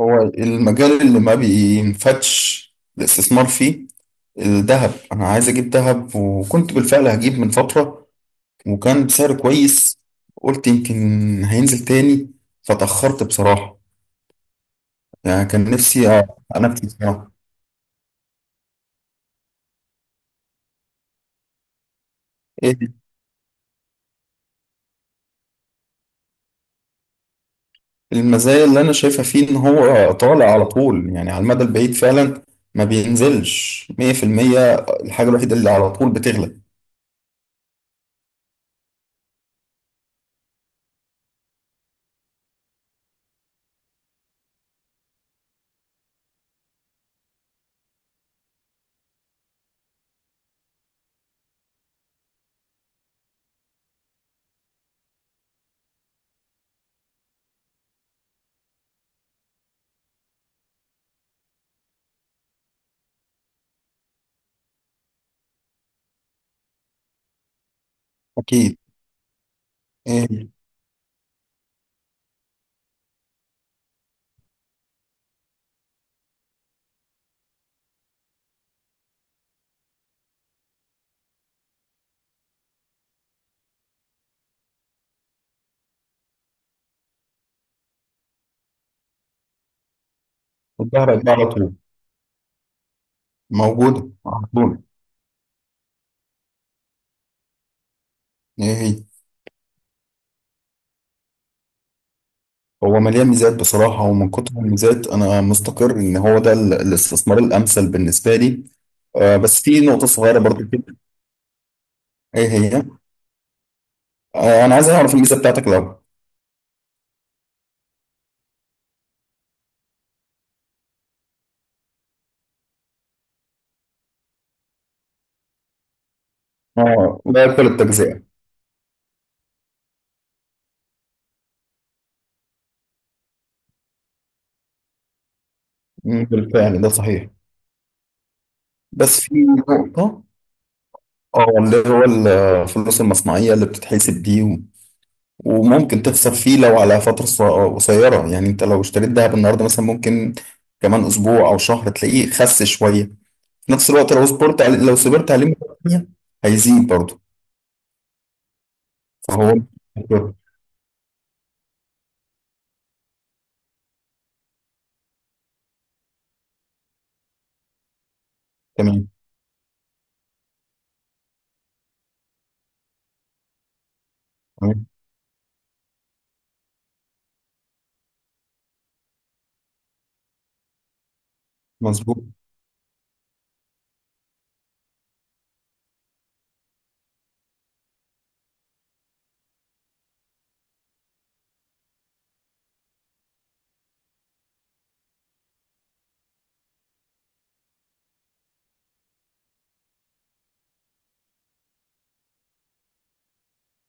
هو المجال اللي ما بينفتش الاستثمار فيه. الذهب انا عايز اجيب ذهب، وكنت بالفعل هجيب من فترة وكان بسعر كويس. قلت يمكن هينزل تاني، فتأخرت بصراحة. يعني كان نفسي انفذ بصراحة. ايه المزايا اللي انا شايفها فيه؟ ان هو طالع على طول، يعني على المدى البعيد فعلا ما بينزلش 100%. الحاجة الوحيدة اللي على طول بتغلى. اكيد. ايه. الذهب هيبقى على طول. موجودة على طول. ايه هي؟ هو مليان ميزات بصراحة، ومن كتر الميزات أنا مستقر إن هو ده الاستثمار الأمثل بالنسبة لي. آه، بس في نقطة صغيرة برضو كده. إيه هي؟ آه، أنا عايز أعرف الميزة بتاعتك الأول. آه، لا يأكل التجزئة. مم، بالفعل ده صحيح. بس في نقطة، آه، اللي هو الفلوس المصنعية اللي بتتحسب دي وممكن تخسر فيه لو على فترة قصيرة، يعني أنت لو اشتريت دهب النهاردة مثلا ممكن كمان أسبوع أو شهر تلاقيه خس شوية. في نفس الوقت لو صبرت عليه، مرة تانية هيزيد برضه. فهو. تمام. تمام. مظبوط.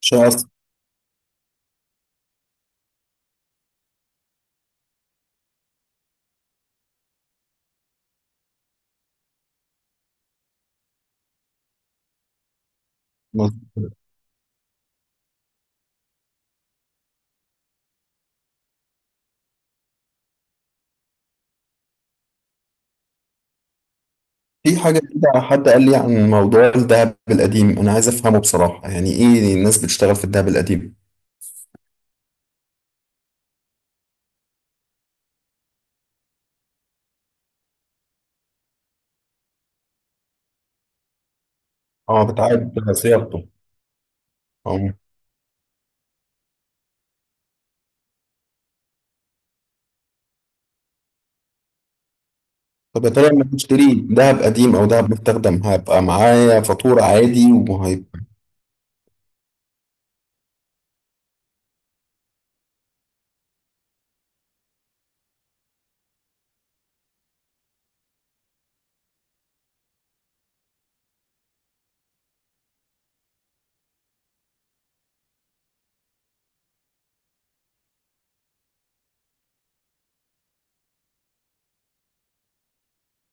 شخص. مظبوط. في حاجة كده، حد قال لي عن موضوع الذهب القديم، أنا عايز أفهمه بصراحة. يعني إيه الناس بتشتغل في الذهب القديم؟ أه، بتعاد صياغته. أه. طب يا ترى لما أشتري ذهب قديم أو ذهب مستخدم هيبقى معايا فاتورة عادي، وهيبقى؟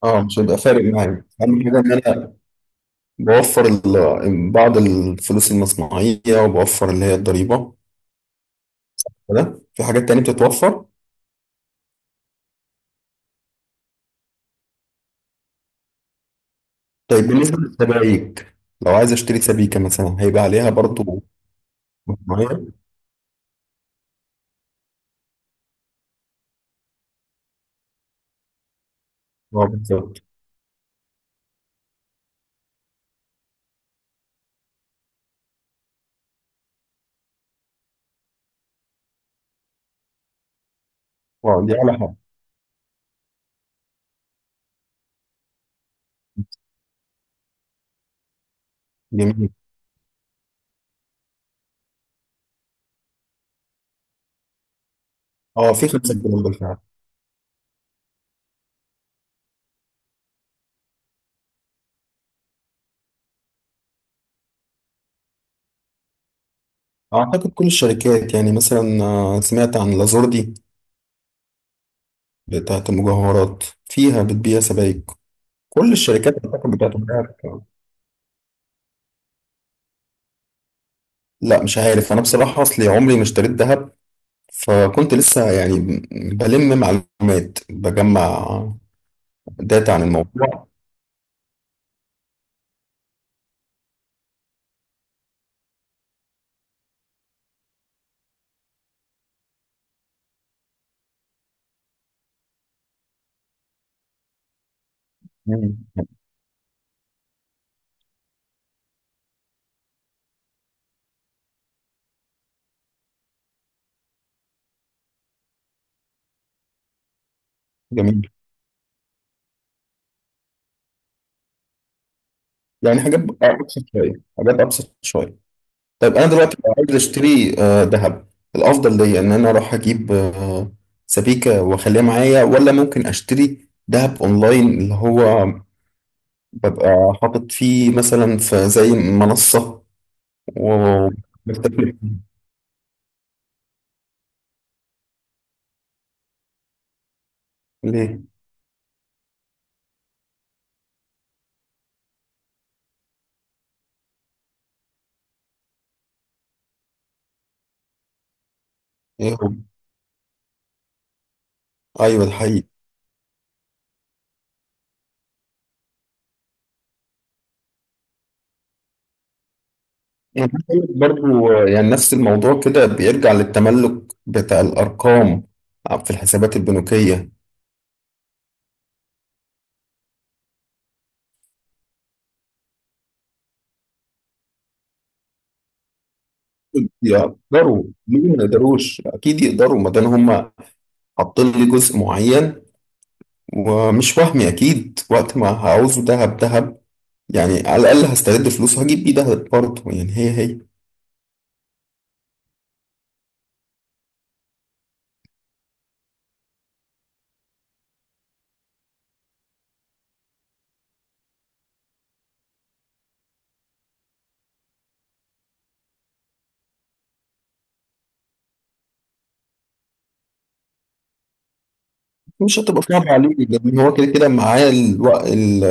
أه، مش هيبقى فارق معايا. أهم حاجة إن أنا بوفر بعض الفلوس المصنعية، وبوفر اللي هي الضريبة. ده في حاجات تانية بتتوفر. طيب بالنسبة للسبائك، لو عايز اشتري سبيكة مثلا هيبقى عليها برضو معايا؟ اه، بالظبط. اه دي على حاجة. جميل. اه، في 5 جنيه بالفعل. اعتقد كل الشركات، يعني مثلا آه، سمعت عن لازوردي بتاعت المجوهرات فيها بتبيع سبائك. كل الشركات اعتقد بتاعت الذهب. لا، مش عارف انا بصراحة، اصلي عمري ما اشتريت ذهب، فكنت لسه يعني بلم معلومات، بجمع داتا عن الموضوع. مم. جميل. يعني حاجات ابسط شويه، حاجات ابسط شويه. طيب انا دلوقتي لو عايز اشتري آه، ذهب، الافضل ليا ان انا اروح اجيب آه، سبيكه واخليها معايا، ولا ممكن اشتري ذهب اونلاين اللي هو ببقى حاطط فيه مثلا في زي منصه و بستثمر فيه؟ ليه؟ ايه هو؟ ايوه ده حقيقي. يعني عايز أقول لك برضو آه، يعني نفس الموضوع كده بيرجع للتملك بتاع الارقام في الحسابات البنوكيه. يقدروا، ليه ما يقدروش؟ اكيد يقدروا ما دام هم حاطين لي جزء معين ومش وهمي، اكيد وقت ما هعوزه دهب دهب، يعني على الاقل هسترد فلوس هجيب بيه دهب برضه، يعني هي هي. مش هتبقى صعبة عليه، لان هو كده كده معاه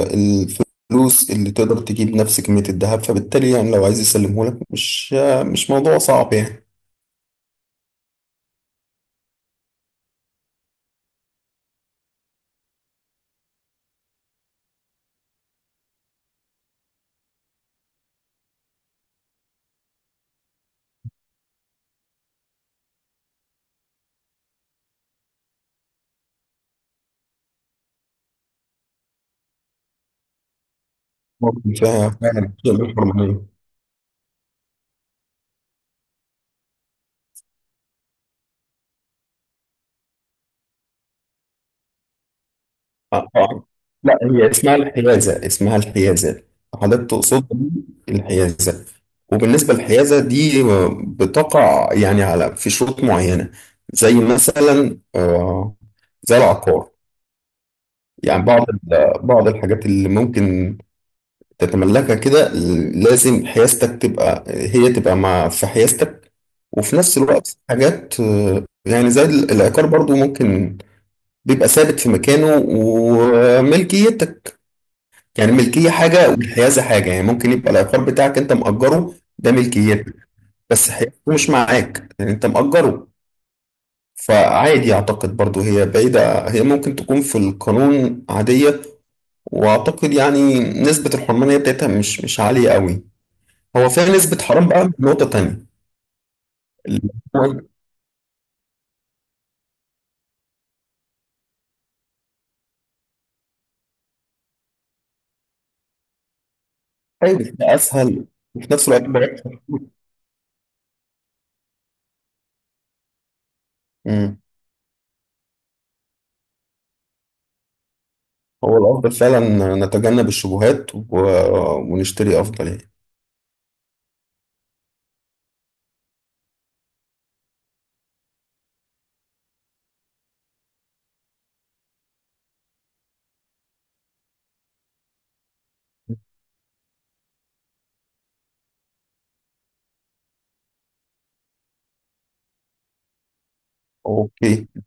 الفلوس اللي تقدر تجيب نفس كمية الدهب، فبالتالي يعني لو عايز يسلمه لك مش موضوع صعب يعني. ممكن فعلا. آه، آه. لا، هي اسمها الحيازة، اسمها الحيازة. حضرتك تقصد الحيازة. وبالنسبة للحيازة دي آه، بتقع يعني على في شروط معينة، زي مثلا آه، زي العقار. يعني بعض بعض الحاجات اللي ممكن تتملكها كده، لازم حيازتك تبقى، هي تبقى مع في حيازتك. وفي نفس الوقت حاجات آه، يعني زي العقار برضو ممكن بيبقى ثابت في مكانه وملكيتك. يعني الملكية حاجة والحيازة حاجة، يعني ممكن يبقى العقار بتاعك أنت مأجره، ده ملكيتك بس حيازته مش معاك لأن أنت مأجره. فعادي أعتقد برضو هي بعيدة، هي ممكن تكون في القانون عادية، وأعتقد يعني نسبة الحرمانية بتاعتها مش عالية قوي. هو فيها نسبة حرام بقى من نقطة تانية. اللي هو- أيوة ده أسهل. وفي نفس الوقت مريح. مم. هو الأفضل فعلا نتجنب الشبهات ونشتري أفضل يعني. أوكي.